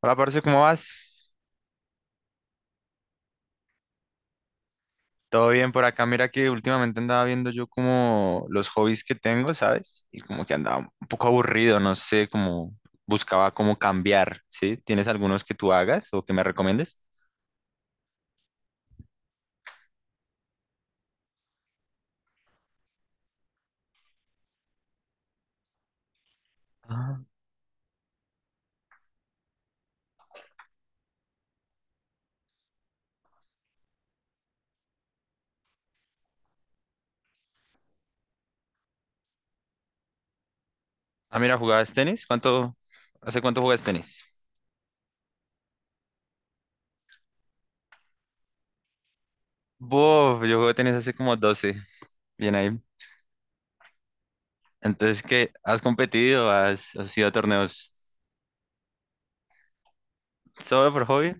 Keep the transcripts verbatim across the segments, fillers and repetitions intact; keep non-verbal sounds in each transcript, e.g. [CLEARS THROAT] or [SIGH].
Hola, parce, ¿cómo vas? Todo bien por acá. Mira que últimamente andaba viendo yo como los hobbies que tengo, ¿sabes? Y como que andaba un poco aburrido, no sé, como buscaba cómo cambiar, ¿sí? ¿Tienes algunos que tú hagas o que me recomiendes? Ah. Ah, mira, ¿jugabas tenis? ¿Cuánto, hace cuánto juegas tenis? Bof, yo juego tenis hace como doce, bien ahí. Entonces, ¿qué? ¿Has competido? ¿Has, has ido a torneos? ¿Solo por hobby?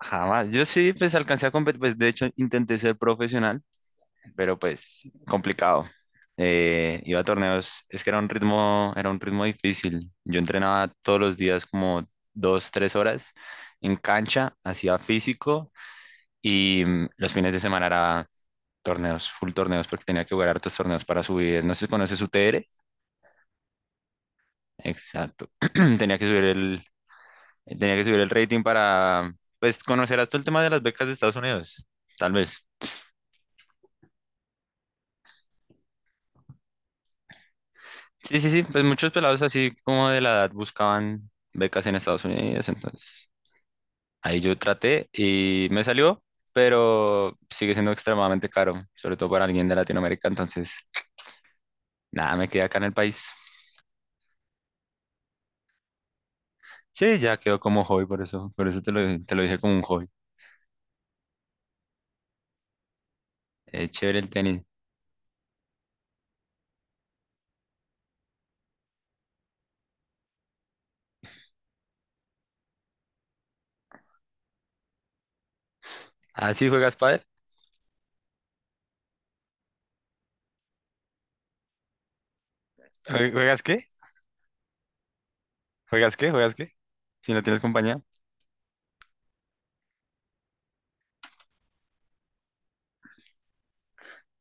Jamás. Yo sí, pues alcancé a competir, pues de hecho intenté ser profesional. pero pues complicado. Eh, iba a torneos, es que era un ritmo, era un ritmo difícil. Yo entrenaba todos los días como dos, tres horas en cancha, hacía físico y mm, los fines de semana era torneos, full torneos, porque tenía que jugar hartos torneos para subir. No sé si conoces U T R. Exacto. [CLEARS THROAT] Tenía que subir el, tenía que subir el rating para, pues, conocer hasta el tema de las becas de Estados Unidos, tal vez. Sí, sí, sí, pues muchos pelados así como de la edad buscaban becas en Estados Unidos, entonces ahí yo traté y me salió, pero sigue siendo extremadamente caro, sobre todo para alguien de Latinoamérica, entonces nada, me quedé acá en el país. Sí, ya quedó como hobby, por eso, por eso te lo, te lo dije como un hobby. Eh, chévere el tenis. Ah, sí, ¿juegas pádel? ¿Jue- ¿Juegas qué? ¿Juegas qué? ¿Juegas qué? Si no tienes compañía.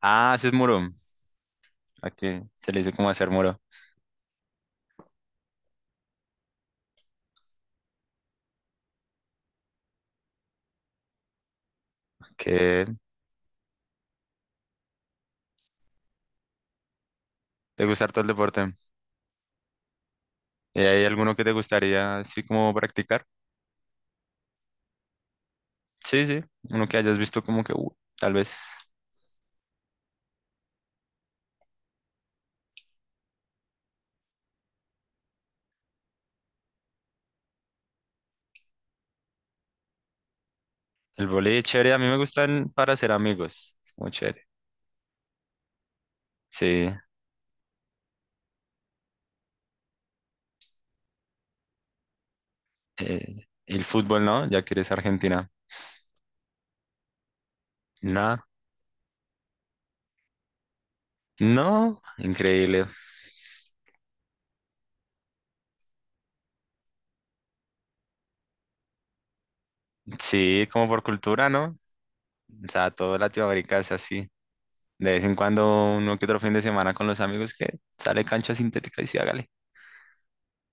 Ah, haces muro. Aquí se le dice como hacer muro. ¿Qué? ¿Te gusta todo el deporte? ¿Y hay alguno que te gustaría así como practicar? Sí, sí, uno que hayas visto como que "Uh, tal vez el voleibol es chévere, a mí me gustan para hacer amigos, es muy chévere. Sí, eh, el fútbol no, ya que eres argentina. No, no, increíble. Sí, como por cultura, ¿no? O sea, todo Latinoamérica es así. De vez en cuando, uno que otro fin de semana con los amigos que sale cancha sintética y sí, hágale.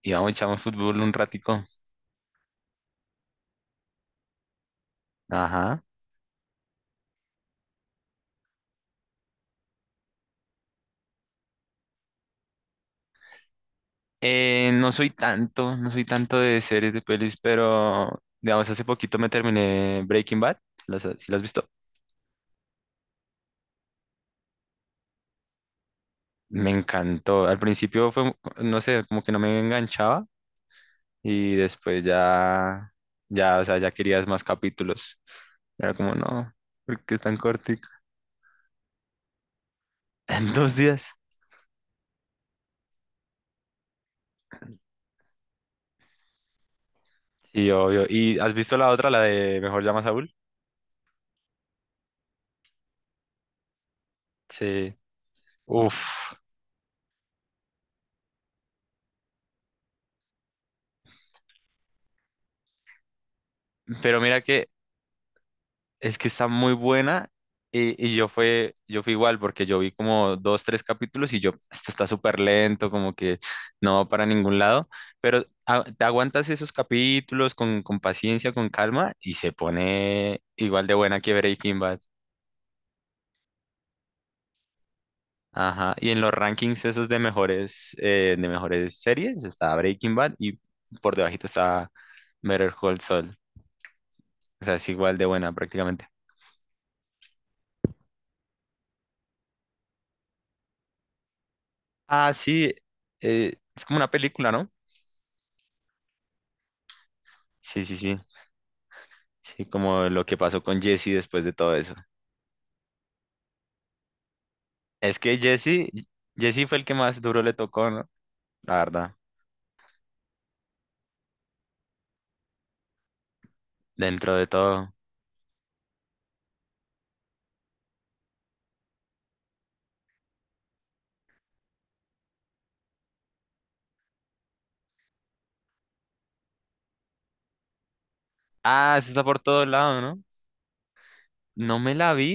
Y vamos, echamos fútbol un ratico. Ajá. Eh, no soy tanto, no soy tanto de series de pelis, pero digamos, hace poquito me terminé Breaking Bad, ¿las ha- ¿sí las has visto? Me encantó. Al principio fue, no sé, como que no me enganchaba y después ya, ya, o sea, ya querías más capítulos. Era como, no, porque es tan cortico. [LAUGHS] En dos días. Sí, obvio. ¿Y has visto la otra, la de Mejor llama a Saúl? Sí. Uf. Pero mira que Es que está muy buena y, y yo fue, yo fui igual porque yo vi como dos, tres capítulos y yo, esto está súper lento, como que no va para ningún lado, pero a- te aguantas esos capítulos con, con paciencia, con calma y se pone igual de buena que Breaking Bad. Ajá, y en los rankings esos de mejores, eh, de mejores series está Breaking Bad y por debajito está Better Call Saul. O sea, es igual de buena prácticamente. Ah, sí, eh, es como una película, ¿no? Sí, sí, sí. Sí, como lo que pasó con Jesse después de todo eso. Es que Jesse, Jesse fue el que más duro le tocó, ¿no? La verdad, dentro de todo. Ah, eso está por todo lado, ¿no? No me la vi,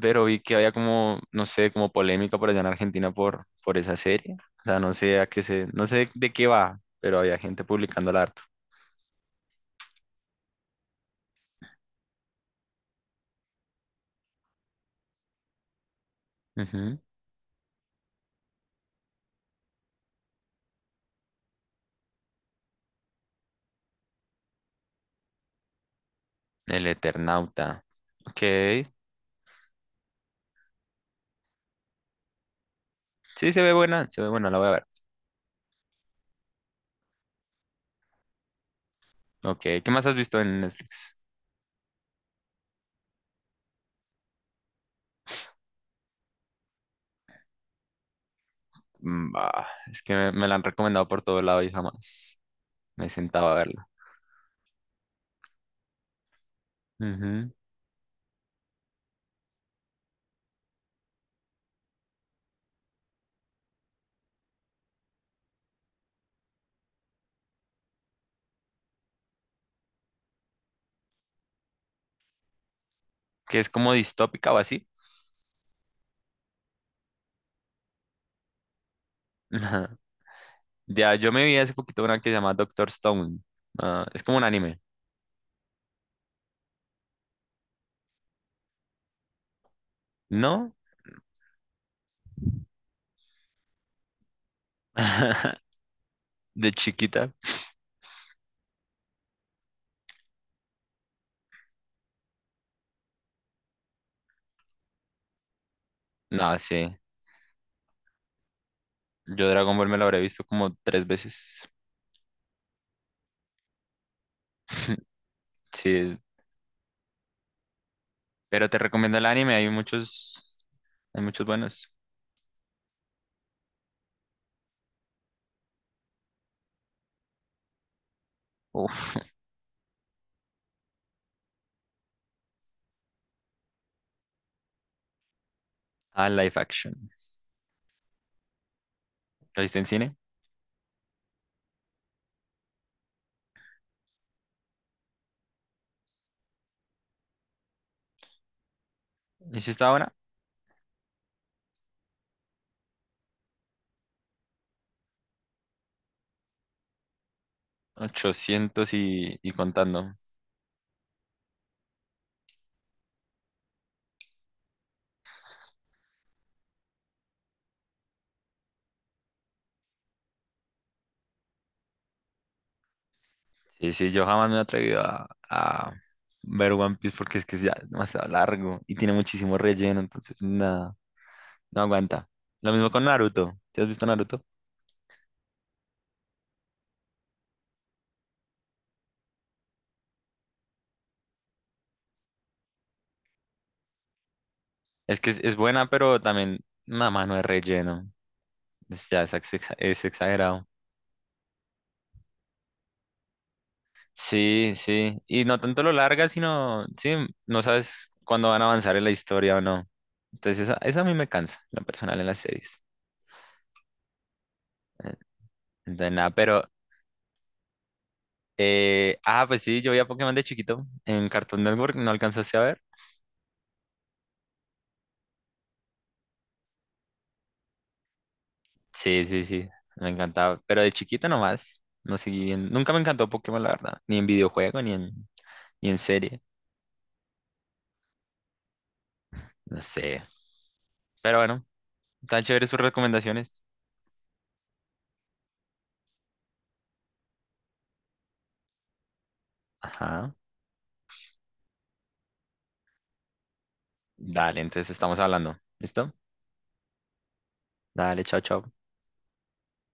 pero vi que había como, no sé, como polémica por allá en Argentina por, por esa serie. O sea, no sé a qué se, no sé de qué va, pero había gente publicándola harto. Ujú. El Eternauta. Ok. Sí, se ve buena, se ve buena, la voy a ver. Ok, ¿qué más has visto en Netflix? Mm, bah, es que me, me la han recomendado por todo lado y jamás me sentaba a verla. Ujú. Que es como distópica o así. [LAUGHS] Ya, yo me vi hace poquito una que se llama Doctor Stone. Ah, es como un anime. ¿No? [LAUGHS] De chiquita. No, sí. Yo Dragon Ball me lo habré visto como tres veces. Sí. Pero te recomiendo el anime. Hay muchos, hay muchos buenos. Uf. Ah, live action. ¿Lo viste en cine? ¿Hiciste ahora? Ochocientos y, y contando. Sí, sí, yo jamás me he atrevido a, a ver One Piece porque es que es ya demasiado largo y tiene muchísimo relleno, entonces nada, no aguanta. Lo mismo con Naruto. ¿Te has visto Naruto? Es que es, es buena, pero también nada más no es relleno. Es, ya es, exa- es exagerado. Sí, sí. Y no tanto lo larga, sino, sí, no sabes cuándo van a avanzar en la historia o no. Entonces eso, eso a mí me cansa, lo personal en las series. Eh, Entonces nada, pero Eh, ah, Pues sí, yo veía Pokémon de chiquito en Cartoon Network, ¿no alcanzaste a ver? Sí, sí, sí, me encantaba, pero de chiquito nomás, no, seguí bien, nunca me encantó Pokémon, la verdad, ni en videojuego, ni en, ni en serie, no sé, pero bueno, tan chévere sus recomendaciones. Ajá, dale, entonces estamos hablando, ¿listo? Dale, chao, chao.